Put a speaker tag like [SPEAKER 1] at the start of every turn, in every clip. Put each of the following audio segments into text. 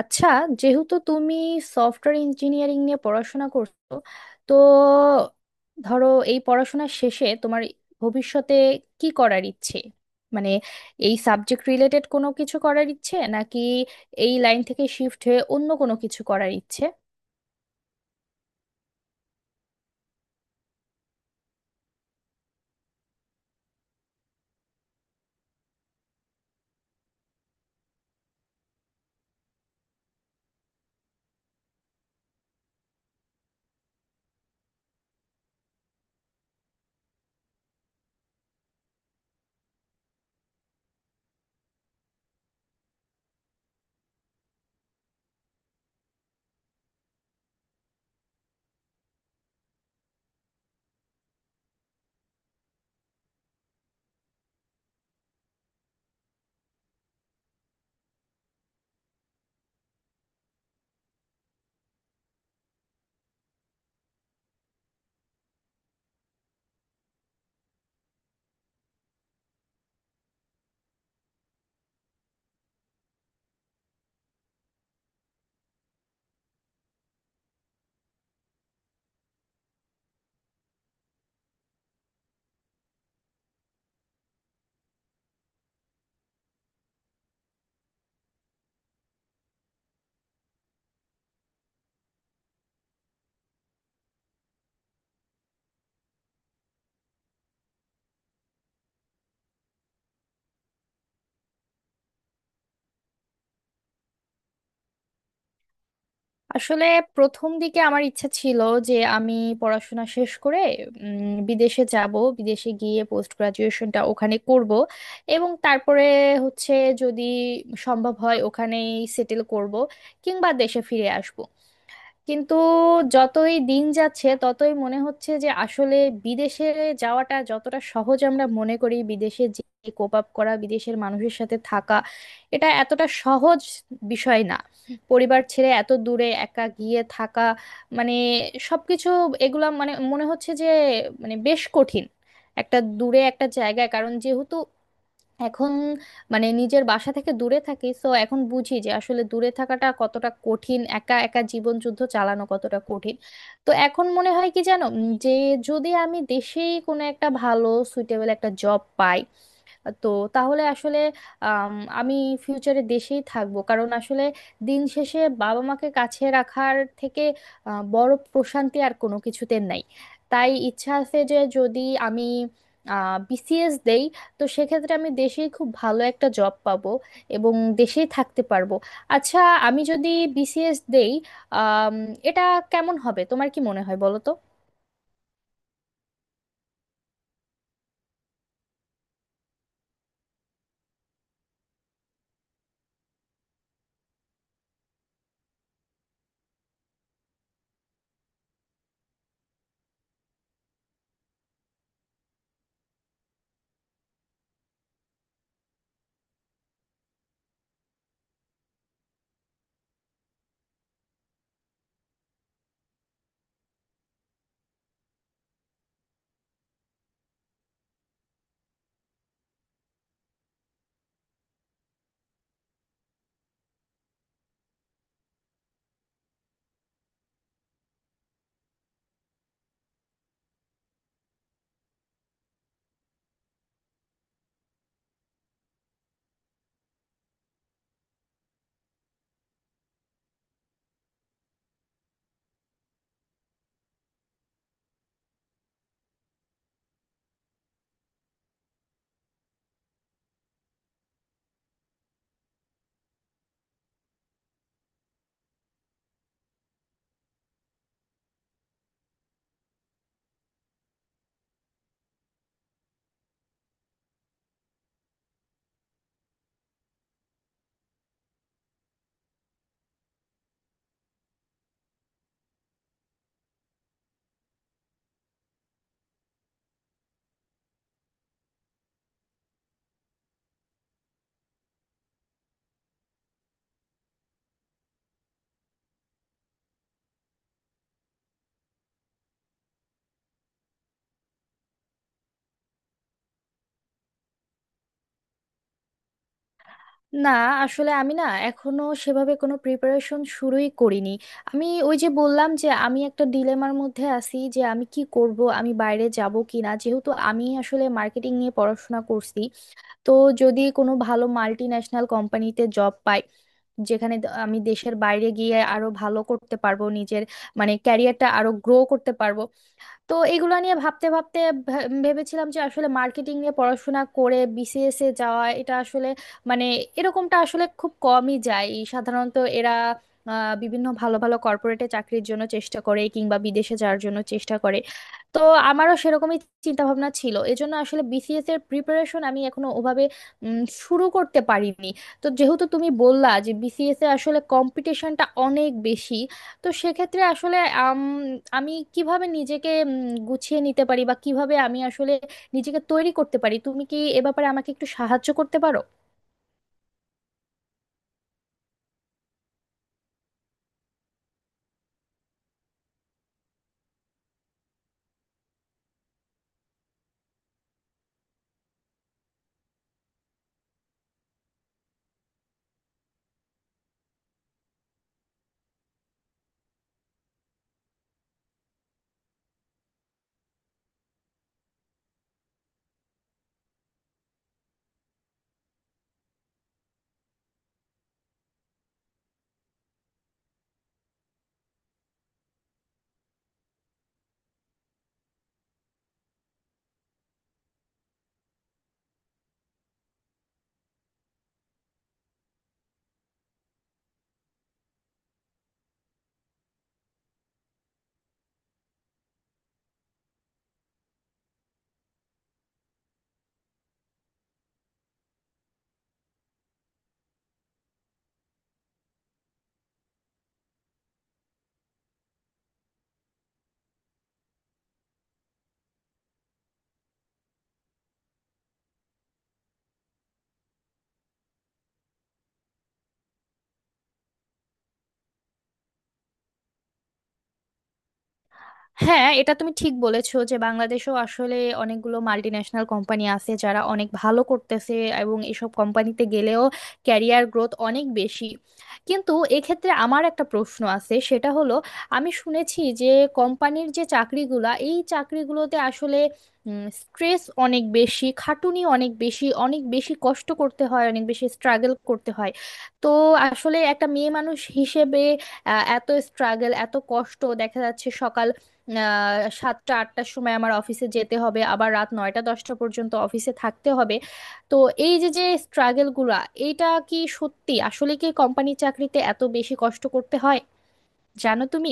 [SPEAKER 1] আচ্ছা, যেহেতু তুমি সফটওয়্যার ইঞ্জিনিয়ারিং নিয়ে পড়াশোনা করছো, তো ধরো, এই পড়াশোনা শেষে তোমার ভবিষ্যতে কি করার ইচ্ছে, মানে এই সাবজেক্ট রিলেটেড কোনো কিছু করার ইচ্ছে নাকি এই লাইন থেকে শিফট হয়ে অন্য কোনো কিছু করার ইচ্ছে? আসলে প্রথম দিকে আমার ইচ্ছা ছিল যে আমি পড়াশোনা শেষ করে বিদেশে যাব, বিদেশে গিয়ে পোস্ট গ্রাজুয়েশনটা ওখানে করব এবং তারপরে হচ্ছে যদি সম্ভব হয় ওখানেই সেটেল করব কিংবা দেশে ফিরে আসব। কিন্তু যতই দিন যাচ্ছে ততই মনে হচ্ছে যে আসলে বিদেশে যাওয়াটা যতটা সহজ আমরা মনে করি, বিদেশে যে কোপ আপ করা, বিদেশের মানুষের সাথে থাকা, এটা এতটা সহজ বিষয় না। পরিবার ছেড়ে এত দূরে একা গিয়ে থাকা, মানে সবকিছু, এগুলা মানে মনে হচ্ছে যে মানে বেশ কঠিন একটা দূরে একটা জায়গায়। কারণ যেহেতু এখন মানে নিজের বাসা থেকে দূরে থাকি, তো এখন বুঝি যে আসলে দূরে থাকাটা কতটা কঠিন, একা একা জীবন যুদ্ধ চালানো কতটা কঠিন। তো এখন মনে হয় কি জানো, যে যদি আমি দেশেই কোনো একটা ভালো সুইটেবল একটা জব পাই, তো তাহলে আসলে আম, আমি ফিউচারে দেশেই থাকবো। কারণ আসলে দিন শেষে বাবা মাকে কাছে রাখার থেকে বড় প্রশান্তি আর কোনো কিছুতে নাই। তাই ইচ্ছা আছে যে যদি আমি বিসিএস দেই, তো সেক্ষেত্রে আমি দেশেই খুব ভালো একটা জব পাবো এবং দেশেই থাকতে পারবো। আচ্ছা, আমি যদি বিসিএস দেই, আম, এটা কেমন হবে তোমার কি মনে হয় বলো তো? না, আসলে আমি না এখনো সেভাবে কোনো প্রিপারেশন শুরুই করিনি। আমি ওই যে বললাম যে আমি একটা ডিলেমার মধ্যে আছি যে আমি কি করব, আমি বাইরে যাব কিনা, যেহেতু আমি আসলে মার্কেটিং নিয়ে পড়াশোনা করছি। তো যদি কোনো ভালো মাল্টি ন্যাশনাল কোম্পানিতে জব পাই, যেখানে আমি দেশের বাইরে গিয়ে আরো ভালো করতে পারবো, নিজের মানে ক্যারিয়ারটা আরো গ্রো করতে পারবো। তো এগুলো নিয়ে ভাবতে ভাবতে ভেবেছিলাম যে আসলে মার্কেটিং নিয়ে পড়াশোনা করে বিসিএস এ যাওয়া, এটা আসলে মানে এরকমটা আসলে খুব কমই যায়। সাধারণত এরা বিভিন্ন ভালো ভালো কর্পোরেটে চাকরির জন্য চেষ্টা করে কিংবা বিদেশে যাওয়ার জন্য চেষ্টা করে। তো আমারও সেরকমই চিন্তা ভাবনা ছিল, এজন্য আসলে বিসিএস এর প্রিপারেশন আমি এখনো ওভাবে শুরু করতে পারিনি। তো যেহেতু তুমি বললা যে বিসিএস এ আসলে কম্পিটিশনটা অনেক বেশি, তো সেক্ষেত্রে আসলে আমি কিভাবে নিজেকে গুছিয়ে নিতে পারি বা কিভাবে আমি আসলে নিজেকে তৈরি করতে পারি, তুমি কি এ ব্যাপারে আমাকে একটু সাহায্য করতে পারো? হ্যাঁ, এটা তুমি ঠিক বলেছো যে বাংলাদেশেও আসলে অনেকগুলো মাল্টি ন্যাশনাল কোম্পানি আছে যারা অনেক ভালো করতেছে, এবং এসব কোম্পানিতে গেলেও ক্যারিয়ার গ্রোথ অনেক বেশি। কিন্তু এক্ষেত্রে আমার একটা প্রশ্ন আছে, সেটা হলো আমি শুনেছি যে কোম্পানির যে চাকরিগুলা, এই চাকরিগুলোতে আসলে স্ট্রেস অনেক বেশি, খাটুনি অনেক বেশি, অনেক বেশি কষ্ট করতে হয়, অনেক বেশি স্ট্রাগল করতে হয়। তো আসলে একটা মেয়ে মানুষ হিসেবে এত স্ট্রাগল, এত কষ্ট, দেখা যাচ্ছে সকাল 7টা 8টার সময় আমার অফিসে যেতে হবে, আবার রাত 9টা 10টা পর্যন্ত অফিসে থাকতে হবে। তো এই যে যে স্ট্রাগেলগুলো, এইটা কি সত্যি? আসলে কি কোম্পানির চাকরিতে এত বেশি কষ্ট করতে হয়, জানো তুমি?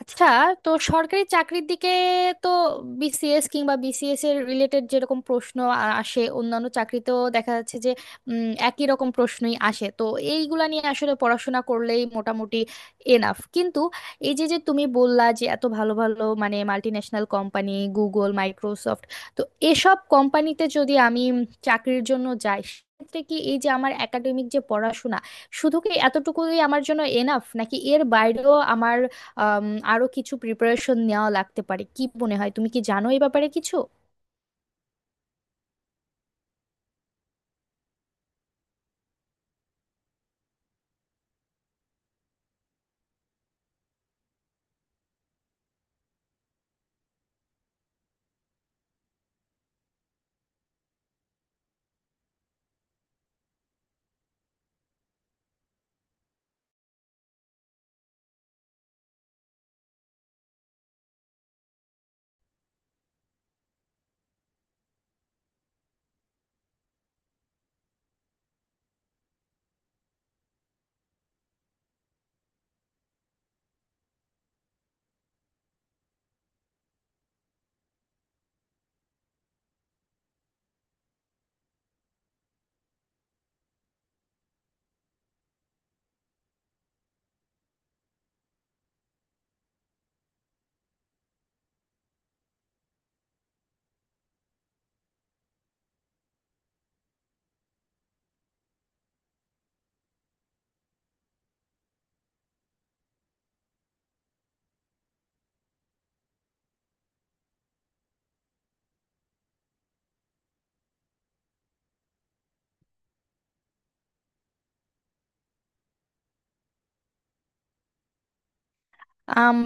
[SPEAKER 1] আচ্ছা, তো সরকারি চাকরির দিকে, তো বিসিএস কিংবা বিসিএস এর রিলেটেড যেরকম প্রশ্ন আসে, অন্যান্য চাকরিতেও দেখা যাচ্ছে যে একই রকম প্রশ্নই আসে। তো এইগুলা নিয়ে আসলে পড়াশোনা করলেই মোটামুটি এনাফ। কিন্তু এই যে যে তুমি বললা যে এত ভালো ভালো মানে মাল্টিন্যাশনাল কোম্পানি, গুগল, মাইক্রোসফট, তো এসব কোম্পানিতে যদি আমি চাকরির জন্য যাই, সেক্ষেত্রে কি এই যে আমার একাডেমিক যে পড়াশোনা, শুধু কি এতটুকুই আমার জন্য এনাফ, নাকি এর বাইরেও আমার আম, আরো কিছু প্রিপারেশন নেওয়া লাগতে পারে, কি মনে হয়, তুমি কি জানো এই ব্যাপারে কিছু?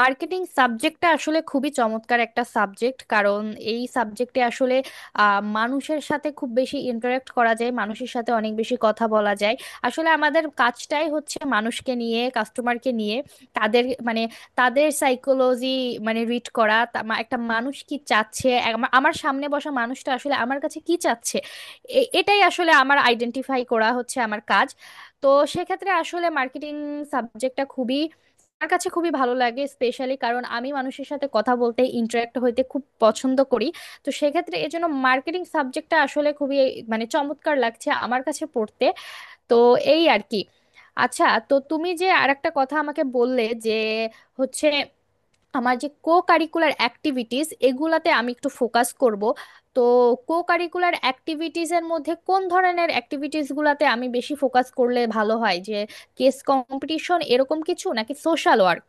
[SPEAKER 1] মার্কেটিং সাবজেক্টটা আসলে খুবই চমৎকার একটা সাবজেক্ট, কারণ এই সাবজেক্টে আসলে মানুষের সাথে খুব বেশি ইন্টারাক্ট করা যায়, মানুষের সাথে অনেক বেশি কথা বলা যায়। আসলে আমাদের কাজটাই হচ্ছে মানুষকে নিয়ে, কাস্টমারকে নিয়ে, তাদের মানে তাদের সাইকোলজি মানে রিড করা, একটা মানুষ কি চাচ্ছে, আমার সামনে বসা মানুষটা আসলে আমার কাছে কি চাচ্ছে, এটাই আসলে আমার আইডেন্টিফাই করা হচ্ছে আমার কাজ। তো সেক্ষেত্রে আসলে মার্কেটিং সাবজেক্টটা আমার কাছে খুবই ভালো লাগে, স্পেশালি কারণ আমি মানুষের সাথে কথা বলতে, ইন্টারাক্ট হইতে খুব পছন্দ করি। তো সেক্ষেত্রে এই জন্য মার্কেটিং সাবজেক্টটা আসলে খুবই মানে চমৎকার লাগছে আমার কাছে পড়তে। তো এই আর কি। আচ্ছা, তো তুমি যে আরেকটা কথা আমাকে বললে যে হচ্ছে আমার যে কো কারিকুলার অ্যাক্টিভিটিস, এগুলাতে আমি একটু ফোকাস করব, তো কো কারিকুলার অ্যাক্টিভিটিস এর মধ্যে কোন ধরনের অ্যাক্টিভিটিস গুলাতে আমি বেশি ফোকাস করলে ভালো হয়, যে কেস কম্পিটিশন এরকম কিছু নাকি সোশ্যাল ওয়ার্ক?